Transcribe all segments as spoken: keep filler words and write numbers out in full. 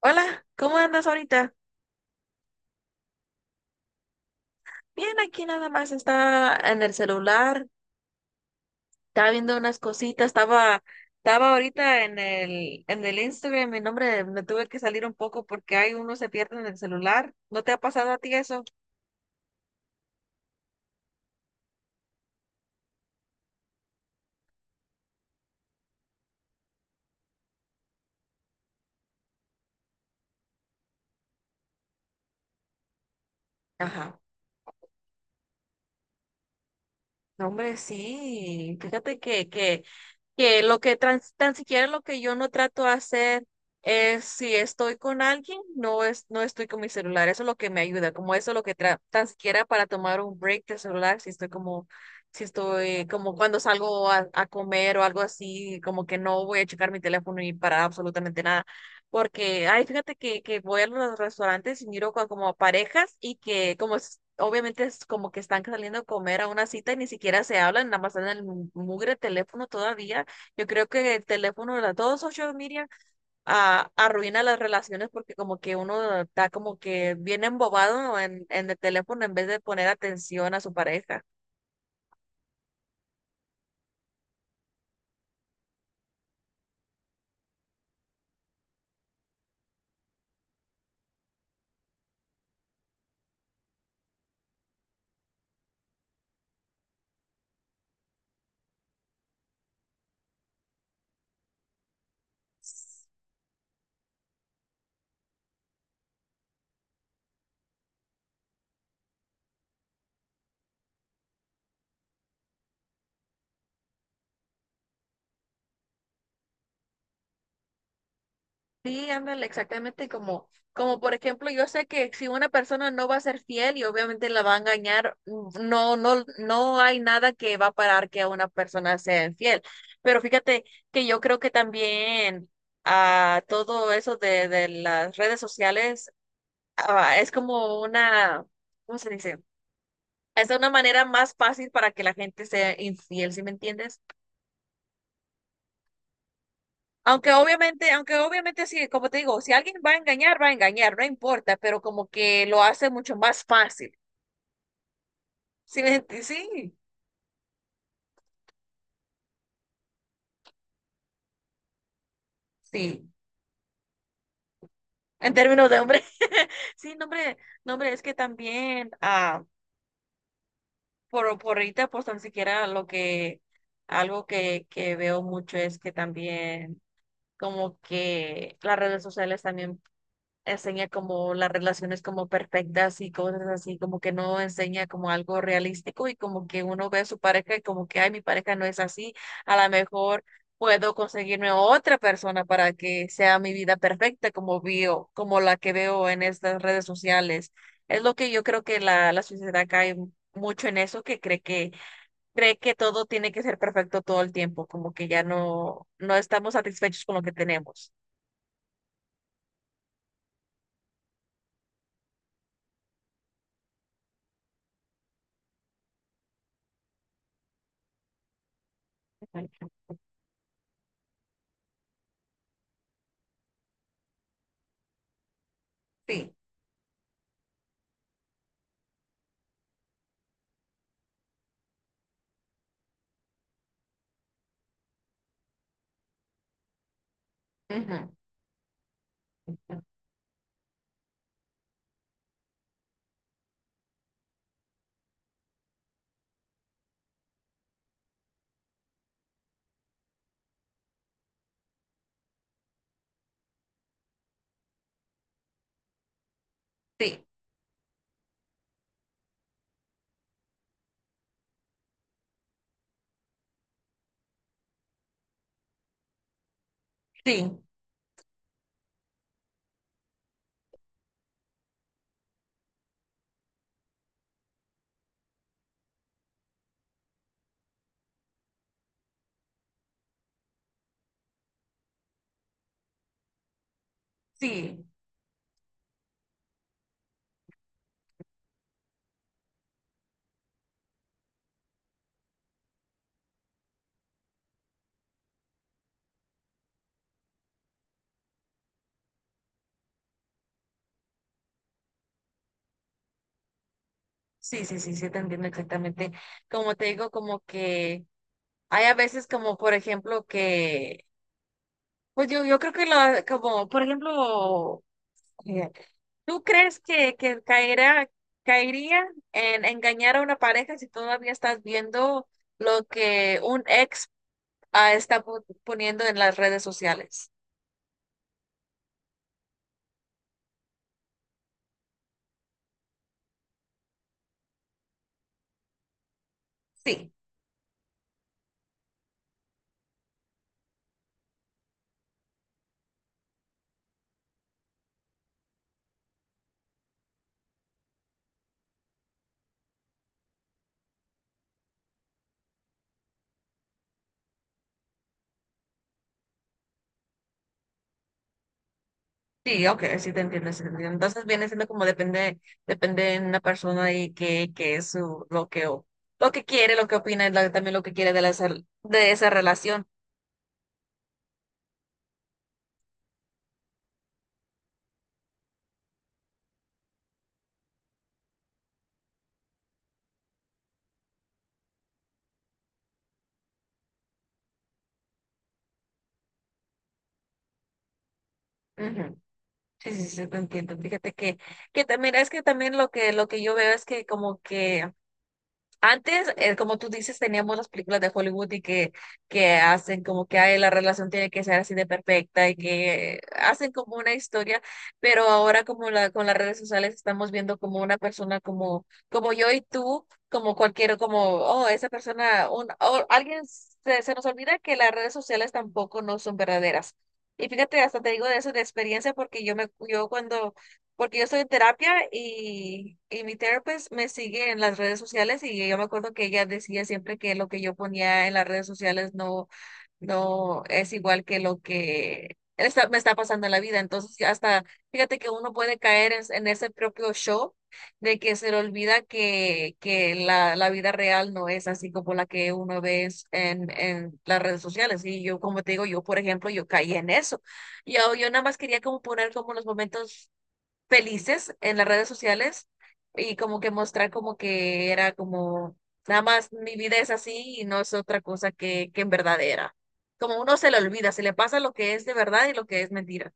Hola, ¿cómo andas ahorita? Bien, aquí nada más estaba en el celular, estaba viendo unas cositas, estaba, estaba ahorita en el, en el Instagram, mi nombre, me tuve que salir un poco porque hay uno se pierde en el celular. ¿No te ha pasado a ti eso? Ajá. No, hombre, sí. Fíjate que, que que lo que trans- tan siquiera lo que yo no trato de hacer es si estoy con alguien, no es, no estoy con mi celular. Eso es lo que me ayuda, como eso es lo que tra- tan siquiera para tomar un break del celular, si estoy como, si estoy como cuando salgo a, a comer o algo así, como que no voy a checar mi teléfono ni para absolutamente nada. Porque, ay, fíjate que, que voy a los restaurantes y miro co- como parejas y que como es- obviamente es como que están saliendo a comer a una cita y ni siquiera se hablan, nada más están en el mugre teléfono todavía. Yo creo que el teléfono de las dos social media ah, arruina las relaciones porque como que uno está como que bien embobado en, en el teléfono en vez de poner atención a su pareja. Sí, ándale, exactamente como, como por ejemplo, yo sé que si una persona no va a ser fiel y obviamente la va a engañar, mm, no, no, no hay nada que va a parar que una persona sea infiel. Pero fíjate que yo creo que también a todo eso de, de las redes sociales ah, es como una, ¿cómo se dice? Es una manera más fácil para que la gente sea infiel, ¿si me entiendes? Aunque obviamente, aunque obviamente sí, como te digo, si alguien va a engañar, va a engañar, no importa, pero como que lo hace mucho más fácil. ¿Sí me enti- Sí, sí. En términos de hombre, sí, no, hombre, no, hombre, es que también, ah, por, por ahorita, pues tan siquiera lo que, algo que, que veo mucho es que también como que las redes sociales también enseña como las relaciones como perfectas y cosas así, como que no enseña como algo realístico y como que uno ve a su pareja y como que, ay, mi pareja no es así, a lo mejor puedo conseguirme otra persona para que sea mi vida perfecta como veo, como la que veo en estas redes sociales. Es lo que yo creo que la, la sociedad cae mucho en eso, que cree que cree que todo tiene que ser perfecto todo el tiempo, como que ya no, no estamos satisfechos con lo que tenemos. Ujú. Sí. Ujú. Sí. Sí, sí, sí, sí, sí, sí, te entiendo exactamente. Como te digo, como que hay a veces como, por ejemplo, que, pues yo, yo creo que lo, como, por ejemplo, eh, ¿tú crees que, que caerá, caería en engañar a una pareja si todavía estás viendo lo que un ex, ah, está pu- poniendo en las redes sociales? Sí. Sí, ok, sí te entiendo, sí te entiendo. Entonces viene siendo como depende, depende de una persona y qué, qué es su, lo que, o- lo que quiere, lo que opina, y la- también lo que quiere de, la, esa- de esa relación. Ujú. Sí, sí, sí, te entiendo. Fíjate que, que también es que también lo que, lo que yo veo es que como que antes, eh, como tú dices, teníamos las películas de Hollywood y que, que hacen como que ay, la relación tiene que ser así de perfecta y que hacen como una historia, pero ahora como la, con las redes sociales estamos viendo como una persona como, como yo y tú, como cualquiera como, oh, esa persona, un, o alguien se, se nos olvida que las redes sociales tampoco no son verdaderas. Y fíjate, hasta te digo de eso de experiencia porque yo me, yo cuando porque yo estoy en terapia y, y mi therapist me sigue en las redes sociales y yo me acuerdo que ella decía siempre que lo que yo ponía en las redes sociales no, no es igual que lo que está- me está pasando en la vida. Entonces, ya hasta, fíjate que uno puede caer en, en ese propio show de que se le olvida que, que la, la vida real no es así como la que uno ve en, en las redes sociales. Y yo, como te digo, yo, por ejemplo, yo caí en eso. Yo, yo nada más quería como poner como los momentos felices en las redes sociales y como que mostrar como que era como, nada más mi vida es así y no es otra cosa que, que en verdad era. Como uno se le olvida, se le pasa lo que es de verdad y lo que es mentira.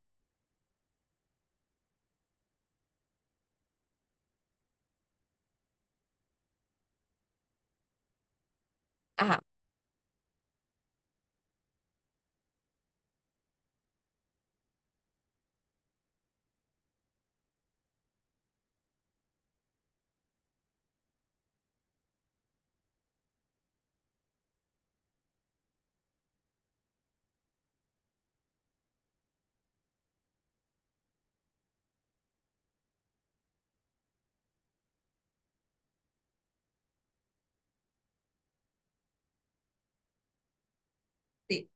Ajá, sí,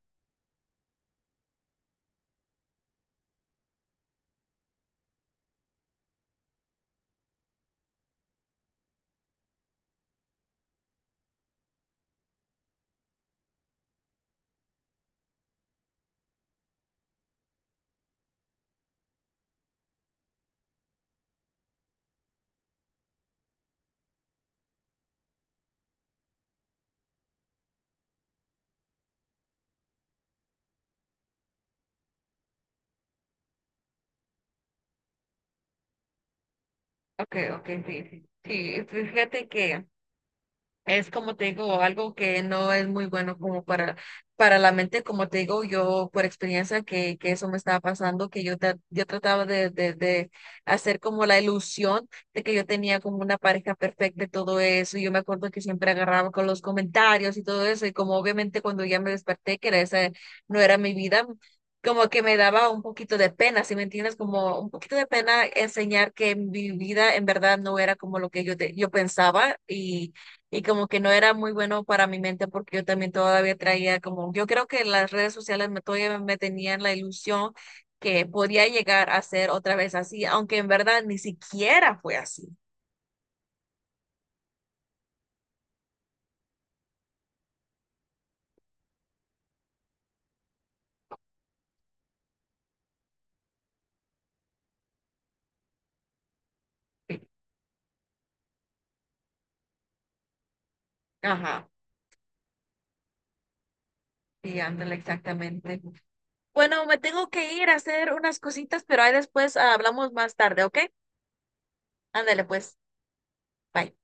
ok, ok, sí. Sí, sí, fíjate que es como te digo, algo que no es muy bueno como para, para la mente, como te digo, yo por experiencia que, que eso me estaba pasando, que yo, tra- yo trataba de, de, de hacer como la ilusión de que yo tenía como una pareja perfecta y todo eso, y yo me acuerdo que siempre agarraba con los comentarios y todo eso, y como obviamente cuando ya me desperté, que era esa no era mi vida, como que me daba un poquito de pena, ¿si me entiendes? Como un poquito de pena enseñar que mi vida en verdad no era como lo que yo, te- yo pensaba y y como que no era muy bueno para mi mente porque yo también todavía traía como, yo creo que las redes sociales me, todavía me tenían la ilusión que podía llegar a ser otra vez así, aunque en verdad ni siquiera fue así. Ajá, y ándale, exactamente. Bueno, me tengo que ir a hacer unas cositas, pero ahí después ah, hablamos más tarde, ¿ok? Ándale, pues. Bye.